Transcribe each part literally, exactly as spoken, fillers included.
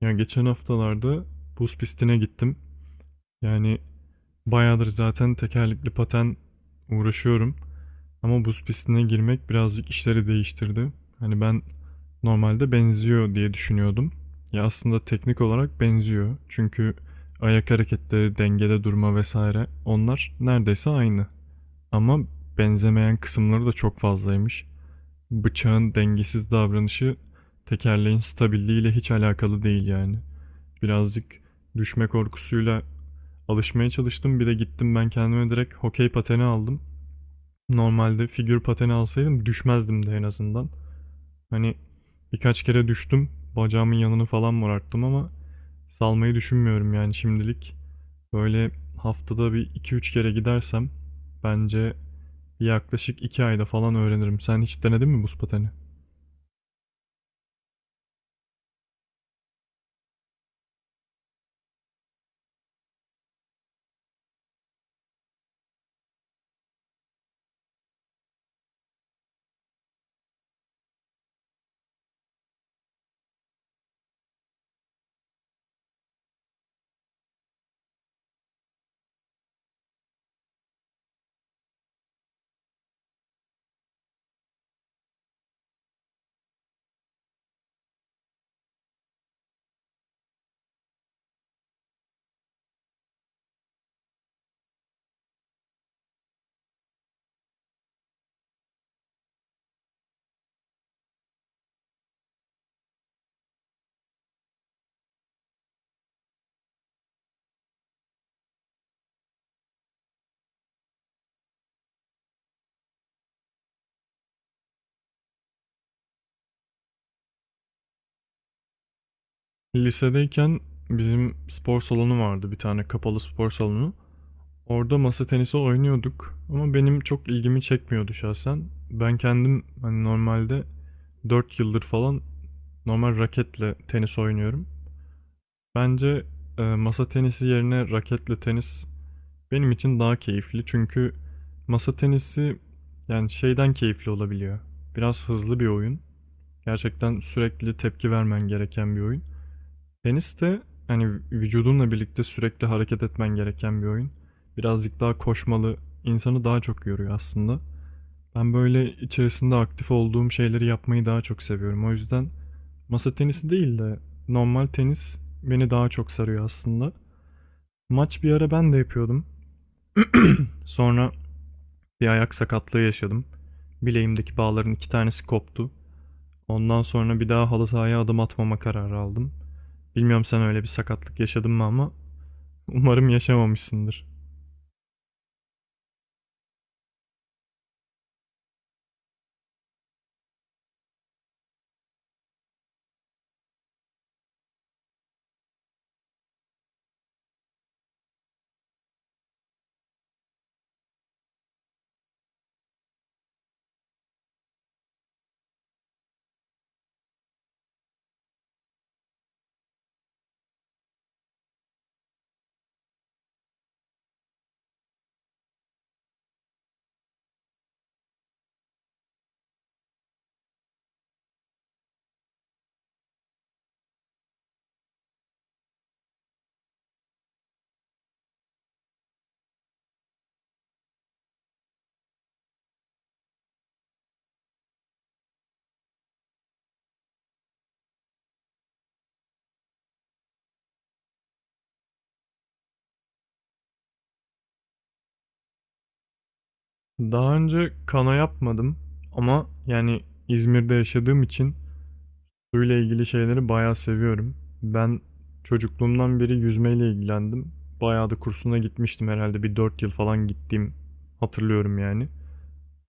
Ya geçen haftalarda buz pistine gittim. Yani bayağıdır zaten tekerlekli paten uğraşıyorum. Ama buz pistine girmek birazcık işleri değiştirdi. Hani ben normalde benziyor diye düşünüyordum. Ya aslında teknik olarak benziyor. Çünkü ayak hareketleri, dengede durma vesaire onlar neredeyse aynı. Ama benzemeyen kısımları da çok fazlaymış. Bıçağın dengesiz davranışı tekerleğin stabilliğiyle hiç alakalı değil yani. Birazcık düşme korkusuyla alışmaya çalıştım. Bir de gittim ben kendime direkt hokey pateni aldım. Normalde figür pateni alsaydım düşmezdim de en azından. Hani birkaç kere düştüm. Bacağımın yanını falan morarttım ama salmayı düşünmüyorum yani şimdilik. Böyle haftada bir iki üç kere gidersem bence yaklaşık iki ayda falan öğrenirim. Sen hiç denedin mi buz pateni? Lisedeyken bizim spor salonu vardı bir tane kapalı spor salonu. Orada masa tenisi oynuyorduk ama benim çok ilgimi çekmiyordu şahsen. Ben kendim hani normalde dört yıldır falan normal raketle tenis oynuyorum. Bence e, masa tenisi yerine raketle tenis benim için daha keyifli çünkü masa tenisi yani şeyden keyifli olabiliyor. Biraz hızlı bir oyun. Gerçekten sürekli tepki vermen gereken bir oyun. Tenis de hani vücudunla birlikte sürekli hareket etmen gereken bir oyun. Birazcık daha koşmalı, insanı daha çok yoruyor aslında. Ben böyle içerisinde aktif olduğum şeyleri yapmayı daha çok seviyorum. O yüzden masa tenisi değil de normal tenis beni daha çok sarıyor aslında. Maç bir ara ben de yapıyordum. Sonra bir ayak sakatlığı yaşadım. Bileğimdeki bağların iki tanesi koptu. Ondan sonra bir daha halı sahaya adım atmama kararı aldım. Bilmiyorum sen öyle bir sakatlık yaşadın mı ama umarım yaşamamışsındır. Daha önce kano yapmadım ama yani İzmir'de yaşadığım için suyla ilgili şeyleri bayağı seviyorum. Ben çocukluğumdan beri yüzmeyle ilgilendim. Bayağı da kursuna gitmiştim herhalde bir dört yıl falan gittiğim hatırlıyorum yani.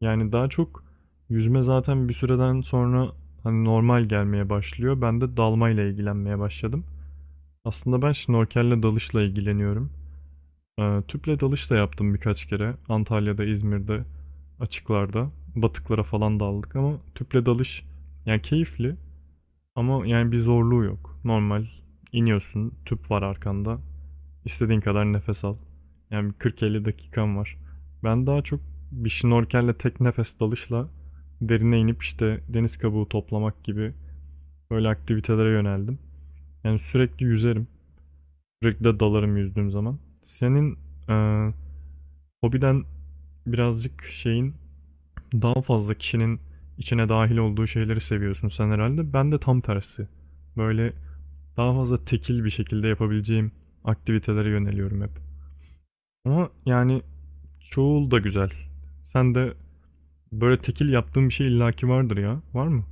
Yani daha çok yüzme zaten bir süreden sonra hani normal gelmeye başlıyor. Ben de dalmayla ilgilenmeye başladım. Aslında ben şnorkelle dalışla ilgileniyorum. Ee, tüple dalış da yaptım birkaç kere. Antalya'da, İzmir'de, açıklarda. Batıklara falan daldık ama tüple dalış yani keyifli ama yani bir zorluğu yok. Normal iniyorsun, tüp var arkanda. İstediğin kadar nefes al. Yani bir kırk elli dakikan var. Ben daha çok bir şnorkelle tek nefes dalışla derine inip işte deniz kabuğu toplamak gibi böyle aktivitelere yöneldim. Yani sürekli yüzerim. Sürekli de dalarım yüzdüğüm zaman. Senin e, hobiden birazcık şeyin daha fazla kişinin içine dahil olduğu şeyleri seviyorsun sen herhalde. Ben de tam tersi. Böyle daha fazla tekil bir şekilde yapabileceğim aktivitelere yöneliyorum hep. Ama yani çoğul da güzel. Sen de böyle tekil yaptığın bir şey illaki vardır ya. Var mı?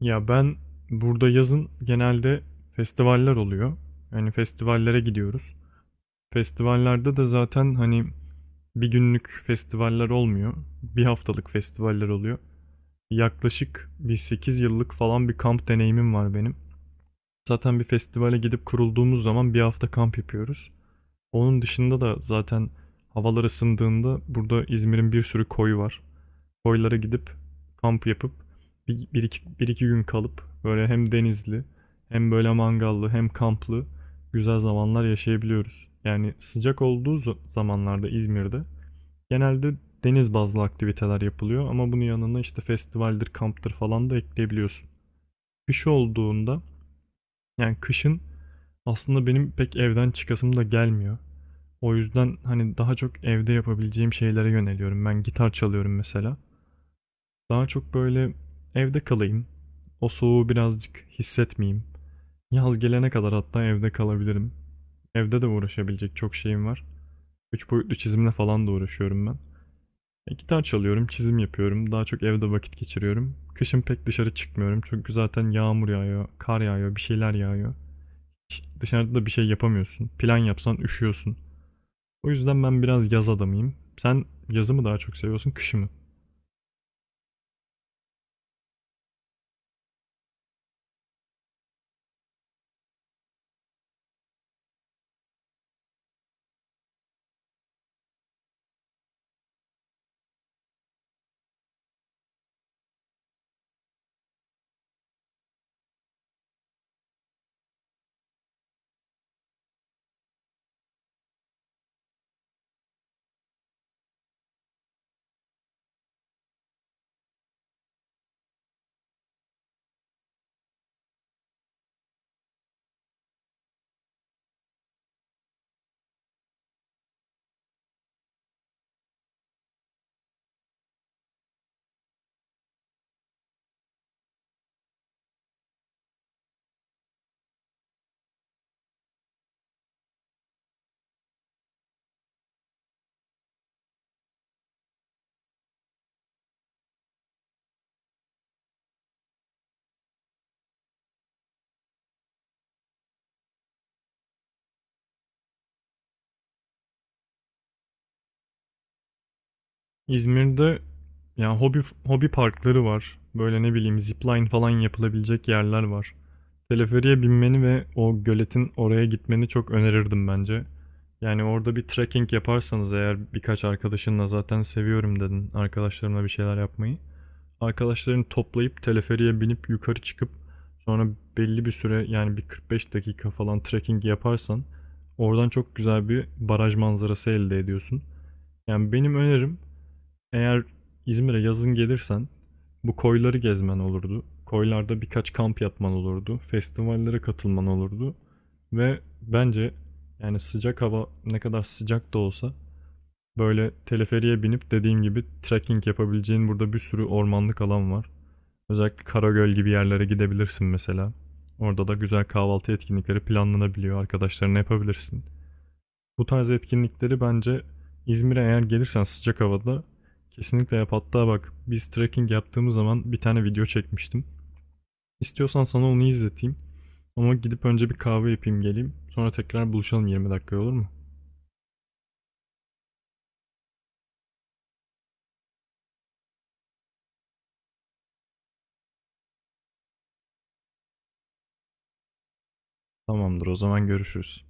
Ya ben burada yazın genelde festivaller oluyor. Yani festivallere gidiyoruz. Festivallerde de zaten hani bir günlük festivaller olmuyor. Bir haftalık festivaller oluyor. Yaklaşık bir sekiz yıllık falan bir kamp deneyimim var benim. Zaten bir festivale gidip kurulduğumuz zaman bir hafta kamp yapıyoruz. Onun dışında da zaten havalar ısındığında burada İzmir'in bir sürü koyu var. Koylara gidip kamp yapıp bir, bir, iki, bir iki gün kalıp böyle hem denizli hem böyle mangallı hem kamplı güzel zamanlar yaşayabiliyoruz. Yani sıcak olduğu zamanlarda İzmir'de genelde deniz bazlı aktiviteler yapılıyor ama bunun yanına işte festivaldir, kamptır falan da ekleyebiliyorsun. Kış olduğunda yani kışın aslında benim pek evden çıkasım da gelmiyor. O yüzden hani daha çok evde yapabileceğim şeylere yöneliyorum. Ben gitar çalıyorum mesela. Daha çok böyle evde kalayım. O soğuğu birazcık hissetmeyeyim. Yaz gelene kadar hatta evde kalabilirim. Evde de uğraşabilecek çok şeyim var. Üç boyutlu çizimle falan da uğraşıyorum ben. E, gitar çalıyorum, çizim yapıyorum. Daha çok evde vakit geçiriyorum. Kışın pek dışarı çıkmıyorum çünkü zaten yağmur yağıyor, kar yağıyor, bir şeyler yağıyor. Hiç dışarıda da bir şey yapamıyorsun. Plan yapsan üşüyorsun. O yüzden ben biraz yaz adamıyım. Sen yazı mı daha çok seviyorsun, kışı mı? İzmir'de yani hobi hobi parkları var. Böyle ne bileyim zipline falan yapılabilecek yerler var. Teleferiğe binmeni ve o göletin oraya gitmeni çok önerirdim bence. Yani orada bir trekking yaparsanız eğer birkaç arkadaşınla zaten seviyorum dedin arkadaşlarımla bir şeyler yapmayı. Arkadaşlarını toplayıp teleferiğe binip yukarı çıkıp sonra belli bir süre yani bir kırk beş dakika falan trekking yaparsan oradan çok güzel bir baraj manzarası elde ediyorsun. Yani benim önerim eğer İzmir'e yazın gelirsen bu koyları gezmen olurdu. Koylarda birkaç kamp yapman olurdu. Festivallere katılman olurdu. Ve bence yani sıcak hava ne kadar sıcak da olsa böyle teleferiye binip dediğim gibi trekking yapabileceğin burada bir sürü ormanlık alan var. Özellikle Karagöl gibi yerlere gidebilirsin mesela. Orada da güzel kahvaltı etkinlikleri planlanabiliyor. Arkadaşlarına yapabilirsin. Bu tarz etkinlikleri bence İzmir'e eğer gelirsen sıcak havada kesinlikle yap. Hatta bak biz trekking yaptığımız zaman bir tane video çekmiştim. İstiyorsan sana onu izleteyim. Ama gidip önce bir kahve yapayım geleyim. Sonra tekrar buluşalım yirmi dakika olur mu? Tamamdır o zaman görüşürüz.